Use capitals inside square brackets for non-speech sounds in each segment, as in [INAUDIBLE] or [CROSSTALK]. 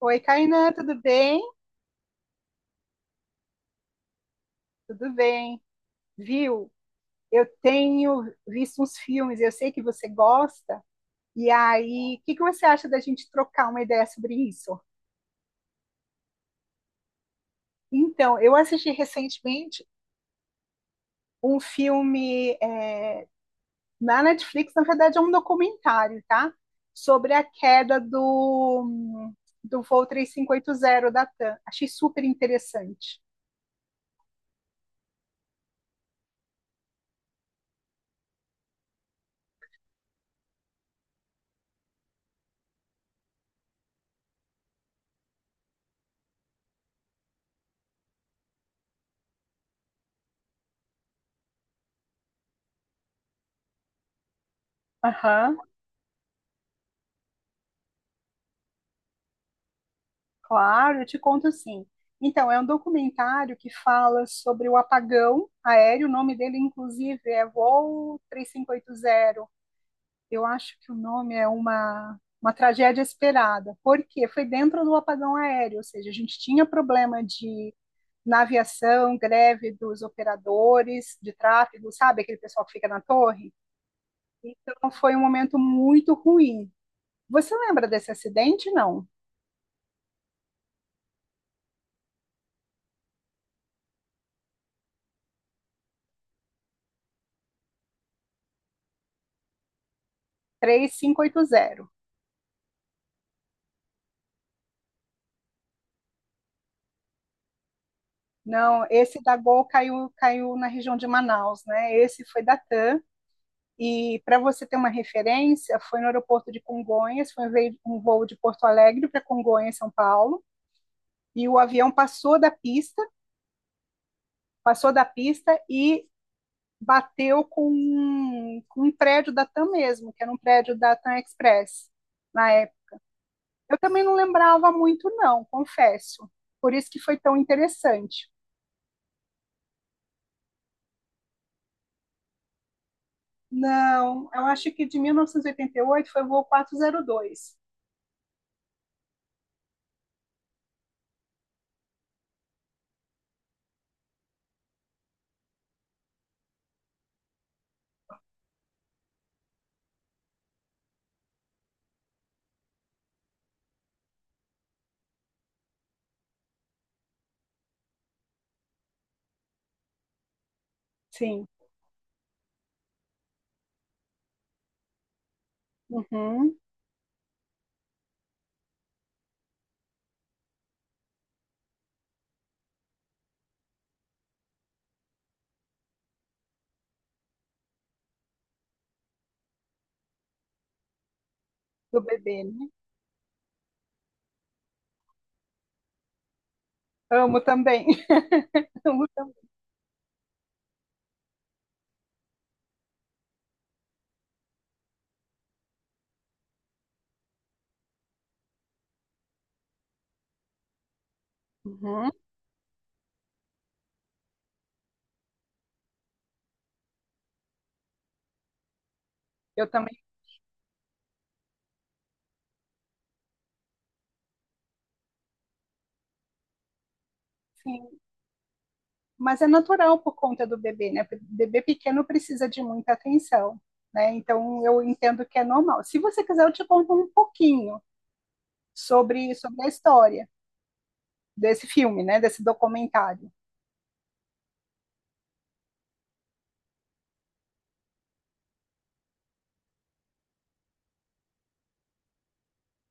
Oi, Kainan, tudo bem? Tudo bem. Viu? Eu tenho visto uns filmes, eu sei que você gosta. E aí, o que que você acha da gente trocar uma ideia sobre isso? Então, eu assisti recentemente um filme na Netflix, na verdade é um documentário, tá? Sobre a queda do voo 3580 da TAM. Achei super interessante. Aham. Claro, eu te conto sim. Então, é um documentário que fala sobre o apagão aéreo. O nome dele, inclusive, é Voo 3580. Eu acho que o nome é uma tragédia esperada. Por quê? Foi dentro do apagão aéreo, ou seja, a gente tinha problema de na aviação, greve dos operadores de tráfego, sabe? Aquele pessoal que fica na torre. Então, foi um momento muito ruim. Você lembra desse acidente? Não. 3580. Não, esse da Gol caiu na região de Manaus, né? Esse foi da TAM. E para você ter uma referência, foi no aeroporto de Congonhas, foi um voo de Porto Alegre para Congonhas, São Paulo, e o avião passou da pista e bateu com um prédio da TAM mesmo, que era um prédio da TAM Express na época. Eu também não lembrava muito, não, confesso. Por isso que foi tão interessante. Não, eu acho que de 1988 foi o voo 402. Sim. Uhum. Do bebê, né? Amo também. [LAUGHS] Amo também. Uhum. Eu também, sim. Mas é natural por conta do bebê, né? Porque Bebê pequeno precisa de muita atenção, né? Então eu entendo que é normal. Se você quiser, eu te conto um pouquinho sobre a história desse filme, né? Desse documentário.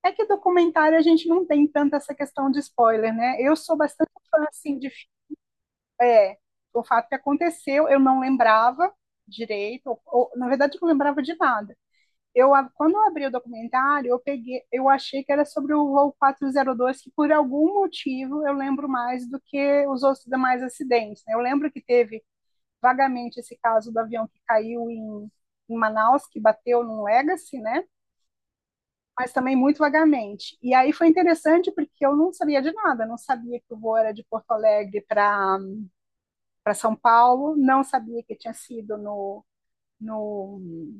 É que documentário a gente não tem tanta essa questão de spoiler, né? Eu sou bastante fã, assim, de é, o fato que aconteceu, eu não lembrava direito, ou na verdade eu não lembrava de nada. Eu, quando eu abri o documentário, eu peguei, eu achei que era sobre o voo 402 que por algum motivo eu lembro mais do que os outros demais acidentes. Né? Eu lembro que teve vagamente esse caso do avião que caiu em Manaus, que bateu num Legacy, né? Mas também muito vagamente. E aí foi interessante porque eu não sabia de nada, não sabia que o voo era de Porto Alegre para São Paulo, não sabia que tinha sido no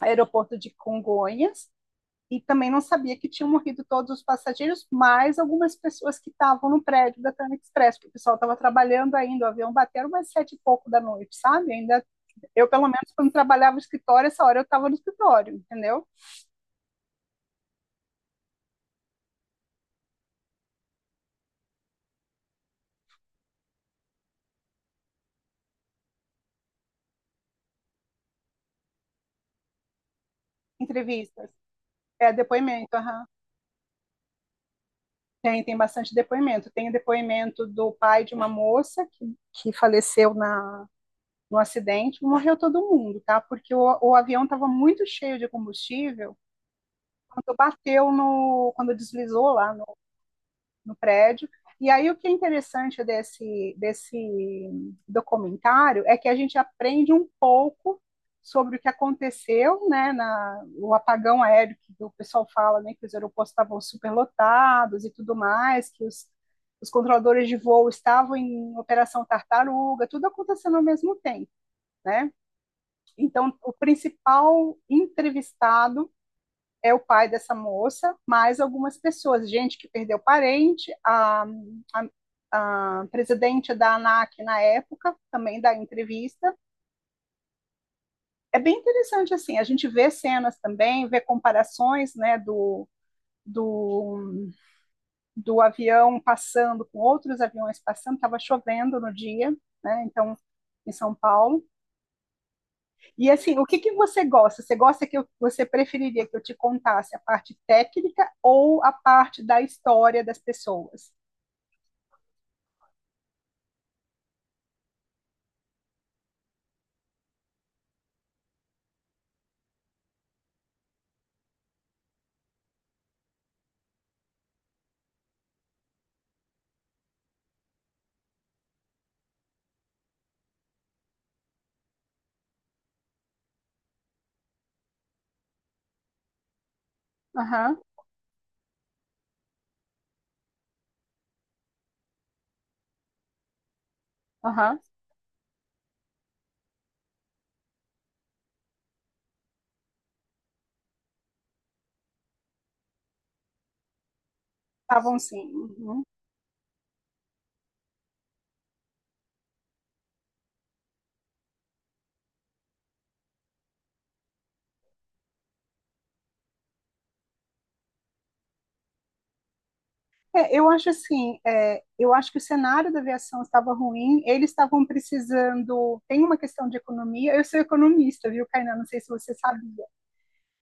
aeroporto de Congonhas e também não sabia que tinham morrido todos os passageiros, mais algumas pessoas que estavam no prédio da Tânia Express, porque o pessoal estava trabalhando ainda, o avião bateu umas sete e pouco da noite, sabe? Ainda eu, pelo menos, quando trabalhava no escritório, essa hora eu estava no escritório, entendeu? Entrevistas, é depoimento, uhum. Tem, tem bastante depoimento. Tem o depoimento do pai de uma moça que faleceu no acidente, morreu todo mundo, tá? Porque o avião estava muito cheio de combustível quando bateu quando deslizou lá no prédio. E aí o que é interessante desse documentário é que a gente aprende um pouco sobre o que aconteceu, né, na, o apagão aéreo que o pessoal fala, né, que os aeroportos estavam superlotados e tudo mais, que os controladores de voo estavam em operação tartaruga, tudo acontecendo ao mesmo tempo, né? Então, o principal entrevistado é o pai dessa moça, mais algumas pessoas, gente que perdeu parente, a presidente da ANAC na época também dá entrevista. É bem interessante, assim, a gente vê cenas também, vê comparações, né, do, do avião passando com outros aviões passando, estava chovendo no dia, né, então, em São Paulo. E assim, o que que você gosta? Você gosta que eu, você preferiria que eu te contasse a parte técnica ou a parte da história das pessoas? Aham, aham. Estavam sim. Uhum. Eu acho assim, eu acho que o cenário da aviação estava ruim, eles estavam precisando. Tem uma questão de economia. Eu sou economista, viu, Kainan? Não sei se você sabe.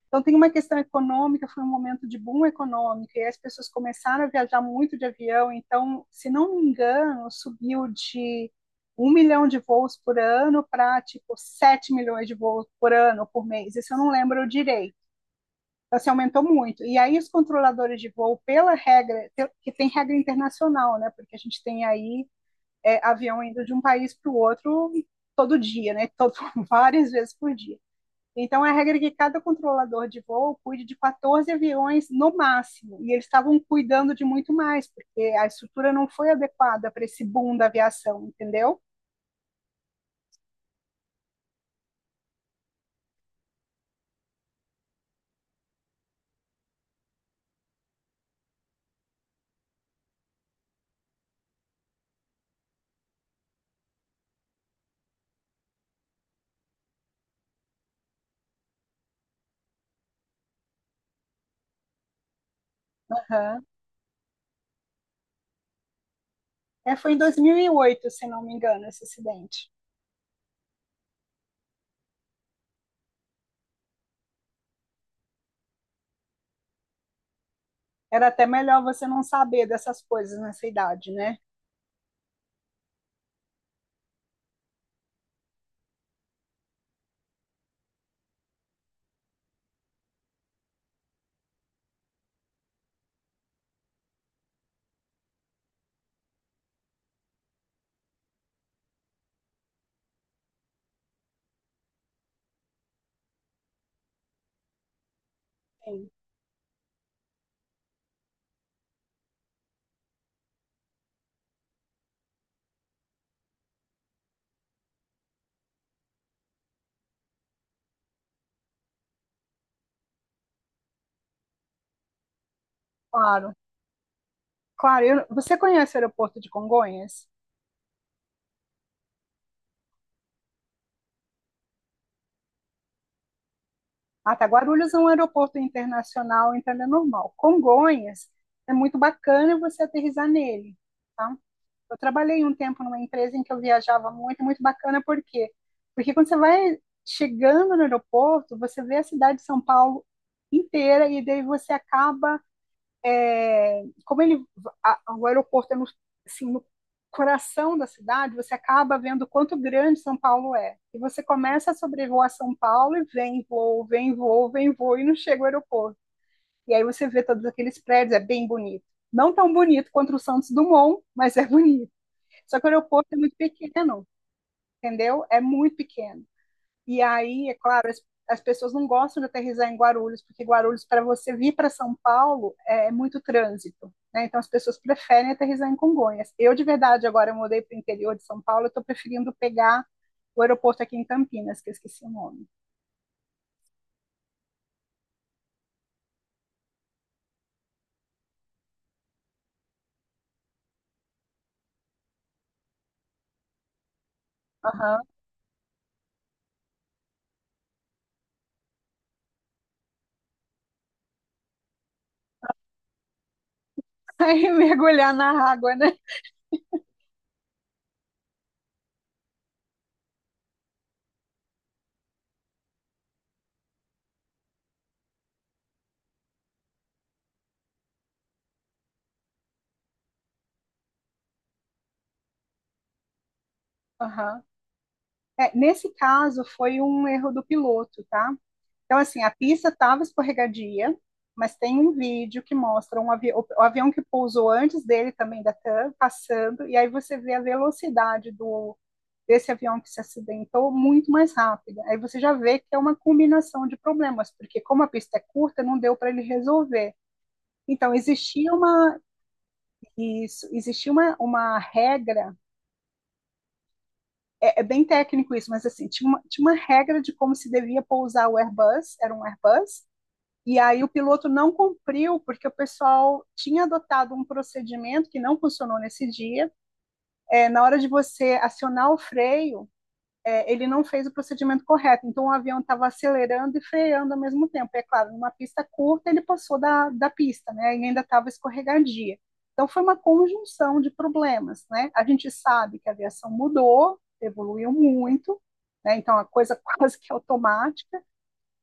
Então, tem uma questão econômica, foi um momento de boom econômico, e as pessoas começaram a viajar muito de avião. Então, se não me engano, subiu de um milhão de voos por ano para tipo 7 milhões de voos por ano por mês. Isso eu não lembro direito. Então, assim, aumentou muito. E aí os controladores de voo, pela regra, que tem regra internacional, né? Porque a gente tem aí avião indo de um país para o outro todo dia, né? [LAUGHS] Todo, várias vezes por dia. Então, a regra é que cada controlador de voo cuide de 14 aviões no máximo, e eles estavam cuidando de muito mais, porque a estrutura não foi adequada para esse boom da aviação, entendeu? Aham. É, foi em 2008, se não me engano, esse acidente. Era até melhor você não saber dessas coisas nessa idade, né? Sim. Claro. Claro, você conhece o aeroporto de Congonhas? Ah, tá. Guarulhos é um aeroporto internacional, então ele é normal. Congonhas é muito bacana você aterrissar nele, tá? Eu trabalhei um tempo numa empresa em que eu viajava muito, muito bacana, por quê? Porque quando você vai chegando no aeroporto, você vê a cidade de São Paulo inteira e daí você acaba, é, como ele, o aeroporto é no, assim, no coração da cidade, você acaba vendo quanto grande São Paulo é. E você começa a sobrevoar São Paulo e vem voo, vem voo, vem voo e não chega ao aeroporto. E aí você vê todos aqueles prédios, é bem bonito. Não tão bonito quanto o Santos Dumont, mas é bonito. Só que o aeroporto é muito pequeno, entendeu? É muito pequeno. E aí, é claro, as pessoas não gostam de aterrissar em Guarulhos, porque Guarulhos, para você vir para São Paulo, é muito trânsito. Né? Então, as pessoas preferem aterrissar em Congonhas. Eu, de verdade, agora eu mudei para o interior de São Paulo, eu estou preferindo pegar o aeroporto aqui em Campinas, que eu esqueci o nome. Aham. [LAUGHS] Aí mergulhar na água, né? Aham. É, nesse caso, foi um erro do piloto, tá? Então, assim, a pista estava escorregadia, mas tem um vídeo que mostra um avi o avião que pousou antes dele também da TAM passando, e aí você vê a velocidade do desse avião que se acidentou muito mais rápida. Aí você já vê que é uma combinação de problemas, porque como a pista é curta, não deu para ele resolver. Então, isso, existia uma regra, é bem técnico isso, mas assim, tinha uma regra de como se devia pousar o Airbus, era um Airbus. E aí o piloto não cumpriu, porque o pessoal tinha adotado um procedimento que não funcionou nesse dia. Na hora de você acionar o freio, ele não fez o procedimento correto. Então o avião estava acelerando e freando ao mesmo tempo. É claro, numa pista curta ele passou da pista, né? E ainda estava escorregadia. Então foi uma conjunção de problemas, né? A gente sabe que a aviação mudou, evoluiu muito, né? Então a coisa [LAUGHS] quase que é automática,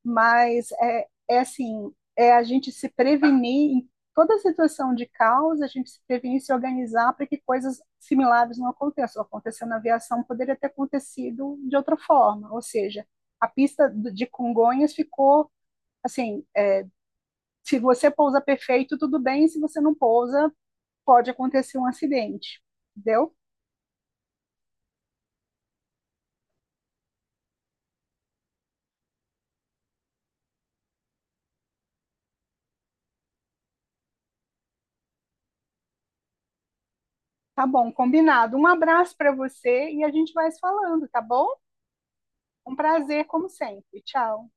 mas é assim, a gente se prevenir em toda situação de caos, a gente se prevenir e se organizar para que coisas similares não aconteçam. Aconteceu na aviação, poderia ter acontecido de outra forma, ou seja, a pista de Congonhas ficou assim, se você pousa perfeito, tudo bem, se você não pousa, pode acontecer um acidente, entendeu? Tá bom, combinado. Um abraço para você e a gente vai se falando, tá bom? Um prazer, como sempre. Tchau.